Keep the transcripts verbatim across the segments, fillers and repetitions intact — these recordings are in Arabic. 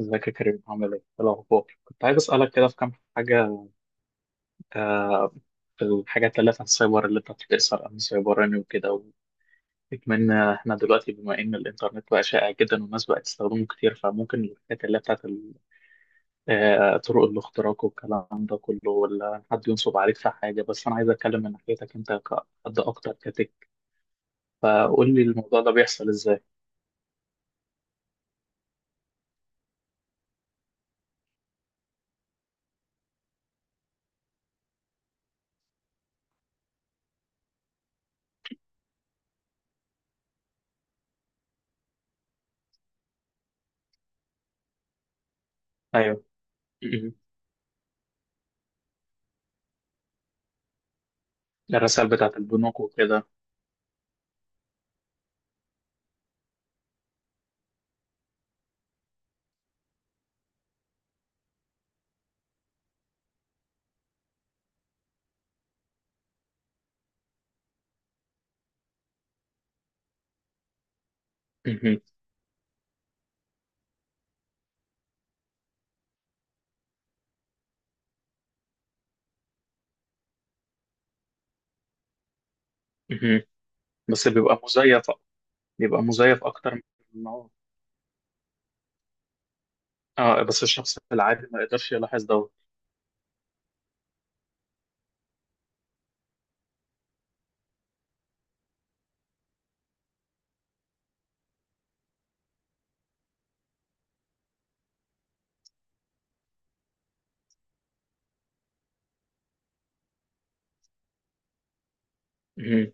ازيك يا كريم عامل ايه؟ إيه الأخبار؟ كنت عايز أسألك كده في كام حاجة. آه، في الحاجات اللي في السايبر اللي أنت بتسأل عن السايبراني وكده. واتمنى إحنا دلوقتي بما إن الإنترنت بقى شائع جدا والناس بقت تستخدمه كتير، فممكن الحاجات اللي هي بتاعت ال- آه، طرق الاختراق والكلام ده كله، ولا حد ينصب عليك في حاجة. بس أنا عايز أتكلم من ناحيتك أنت كحد أكتر كتك. فقول لي الموضوع ده بيحصل إزاي؟ أيوه. م- م. الرسائل بتاعت البنوك وكده. م- م. م- م. بس بيبقى مزيف، بيبقى مزيف اكتر من. إن هو- اه، بس الشخص العادي ما يقدرش يلاحظ دوت. مهم.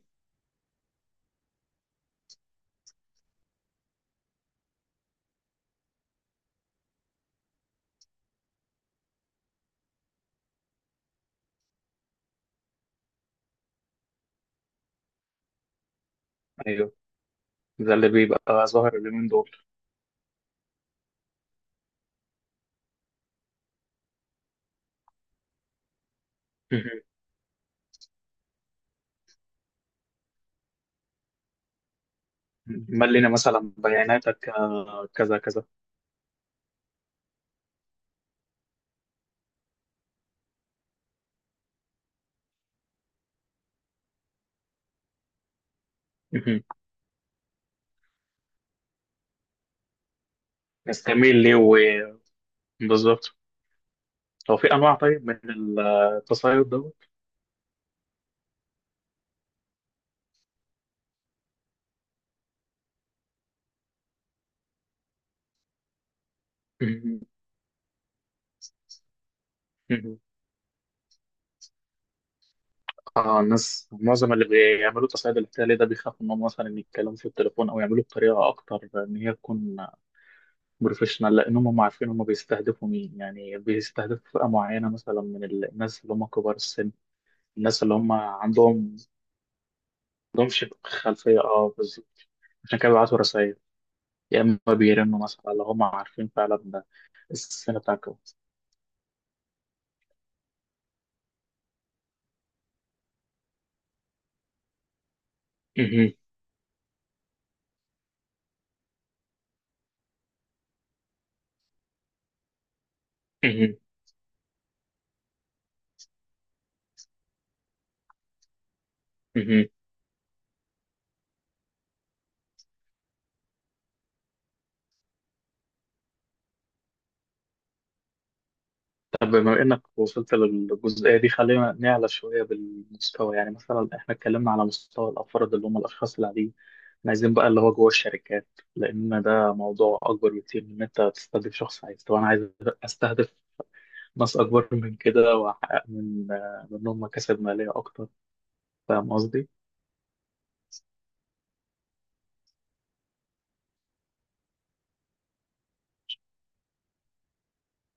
ايوه، ده اللي بيبقى ظاهر اليومين دول. مهم. ملينا مثلا بياناتك آه، كذا كذا. مهم. نستميل ليه. و- بالظبط. هو في انواع طيب من التصيد دوت. مهم. مهم. اه، الناس معظم اللي بيعملوا التصيد الاحتيالي ده بيخافوا انهم مثلا يتكلموا في التليفون او يعملوه بطريقه اكتر ان هي تكون بروفيشنال، لانهم هم عارفين هم بيستهدفوا مين، يعني بيستهدفوا فئه معينه مثلا من ال- الناس اللي هم كبار السن. الناس اللي هم عندهم عندهمش خلفيه، اه، بالظبط. عشان كده بيبعتوا رسائل، يا اما بيرنوا مثلا اللي هم عارفين فعلا السن بتاعكم. مهم. مهم. مهم. طب بما إنك وصلت للجزئية دي خلينا نعلى شوية بالمستوى. يعني مثلا إحنا اتكلمنا على مستوى الأفراد اللي هم الأشخاص العاديين. إحنا عايزين بقى اللي هو جوه الشركات، لأن ده موضوع أكبر بكتير من إن أنت تستهدف شخص. عايز طب أنا عايز أستهدف ناس أكبر من كده وأحقق من آه، منهم مكاسب مالية أكتر. فاهم قصدي؟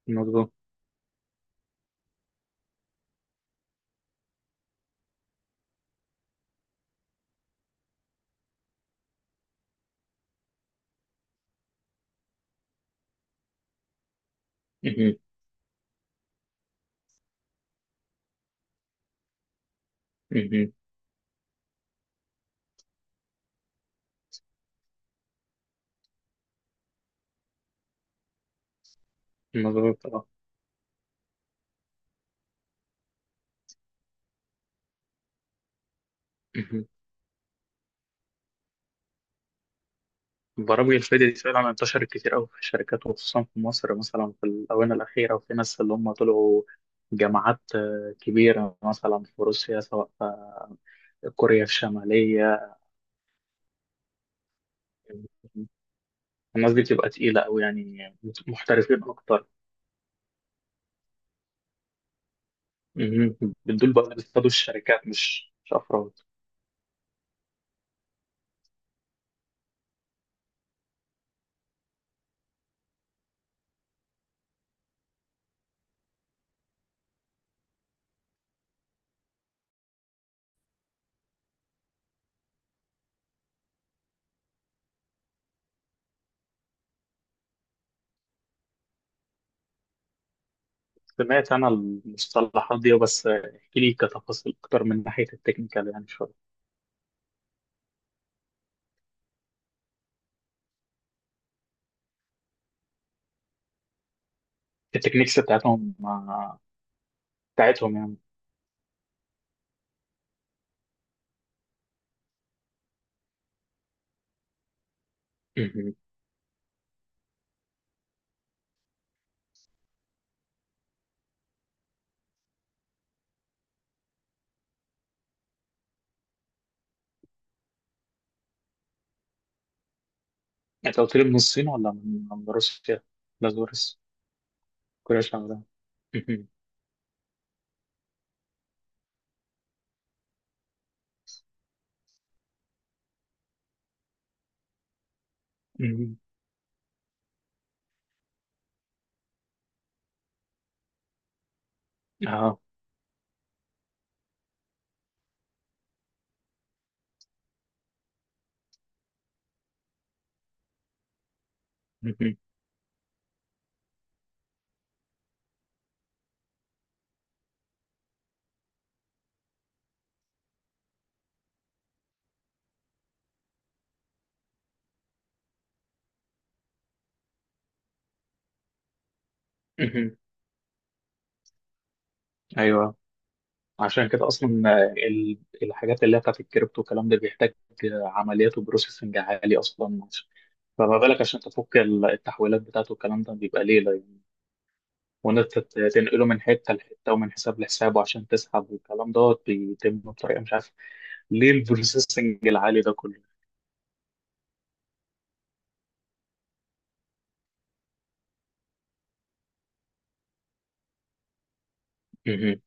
مظبوط. مهم. مهم. مظبوط. أه. برامج الفيديو دي فعلا انتشرت كتير قوي في الشركات، وخصوصا في مصر مثلا في الآونة الأخيرة، وفي ناس اللي هم طلعوا جامعات آه، كبيرة مثلا في روسيا سواء في كوريا الشمالية. الناس دي بتبقى تقيلة قوي يعني، محترفين أكتر. مهم. دول بقى بيصطادوا الشركات، مش مش أفراد. سمعت أنا المصطلحات دي، بس احكي لي كتفاصيل أكتر من ناحية التكنيكال يعني شوية. التكنيكس بتاعتهم آه، بتاعتهم يعني. يعني انت قلت لي من الصين ولا من من روسيا؟ بازورس. كوريا الشمالية. مهم. مهم. اه. مهم. مهم. ايوه، عشان كده اصلا ال- الحاجات اللي هي بتاعت الكريبتو والكلام ده بيحتاج عمليات وبروسيسنج عالي اصلا. فما بالك عشان تفك ال- التحويلات بتاعته، والكلام ده بيبقى ليلة يعني. وان انت ت- تنقله من حته لحته ومن حساب لحساب وعشان تسحب والكلام ده بيتم بطريقه مش عارف ليه البروسيسنج العالي ده كله. مهم.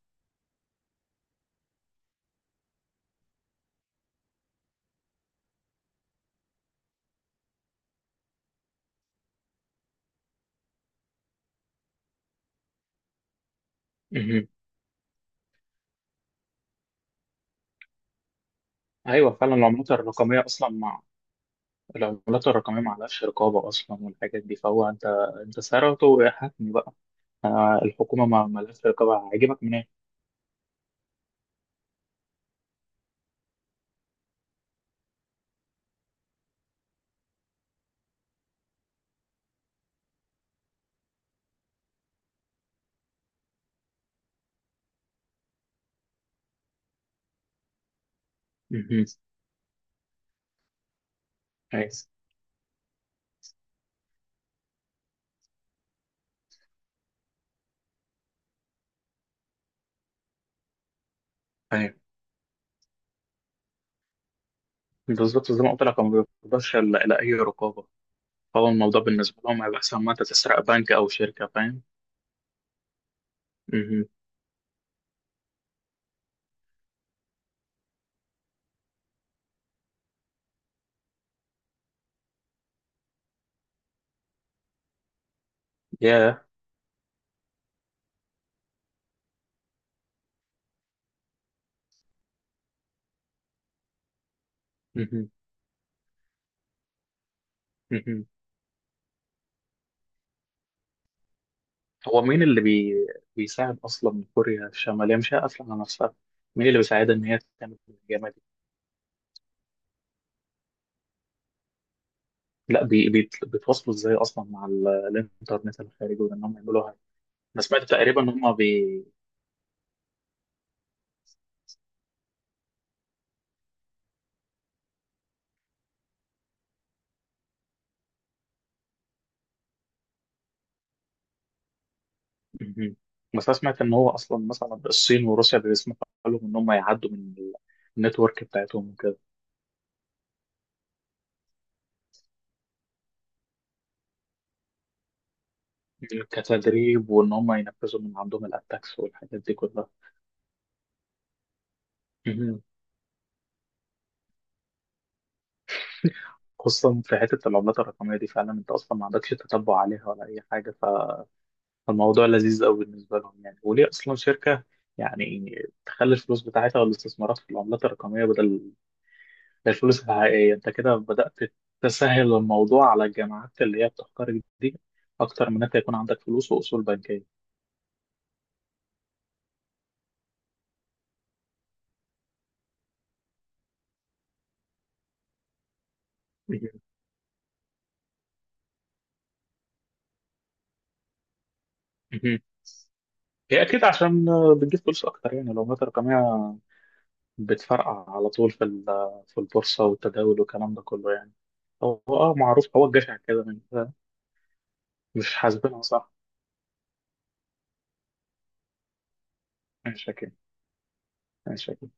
مهم. ايوه، فعلا العملات الرقميه اصلا العملات الرقمية ما عليهاش رقابة أصلا والحاجات دي، فهو أنت أنت سعرته حتمي بقى. آه، الحكومة ما ما لهاش رقابة، هيجيبك منين؟ مهم. كويس. أيوه، بالظبط زي ما قلت لك، هو ما بيقدرش إلا إلا أي رقابة. فهو الموضوع بالنسبة لهم هيبقى أحسن ما أنت تسرق بنك أو شركة، فاهم؟ مهم. ياه. مهم. مهم. هو مين اللي بي... بيساعد أصلا كوريا الشمالية، مش هي قافلة على نفسها؟ مين اللي بيساعدها إن هي تعمل الجمال دي؟ لا، بي... بيت... بيتواصلوا إزاي أصلا مع ال... الإنترنت الخارجي وإن هم يعملوا؟ انا سمعت تقريبا ان هم بي مهم. بس انا سمعت ان هو اصلا مثلا الصين وروسيا بيسمحوا لهم ان هم يعدوا من النتورك بتاعتهم وكده، كتدريب وان هم ينفذوا من عندهم الاتاكس والحاجات دي كلها. مهم. خصوصا في حته العملات الرقميه دي، فعلا انت اصلا ما عندكش تتبع عليها ولا اي حاجه، ف- فالموضوع لذيذ قوي بالنسبه لهم يعني. وليه اصلا شركه يعني تخلي الفلوس بتاعتها والاستثمارات في العملات الرقميه بدل الفلوس الحقيقية؟ أنت كده بدأت تسهل الموضوع على الجامعات اللي هي بتختارك دي أكتر من أنت يكون عندك فلوس وأصول بنكية. مهم. مهم. هي أكيد عشان بتجيب فلوس أكتر، يعني لو مات رقمية بتفرقع على طول في ال- في البورصة والتداول والكلام ده كله يعني. هو أه معروف، هو الجشع كده من. مش حاسبينها صح. مش شاكين. مش شاكين.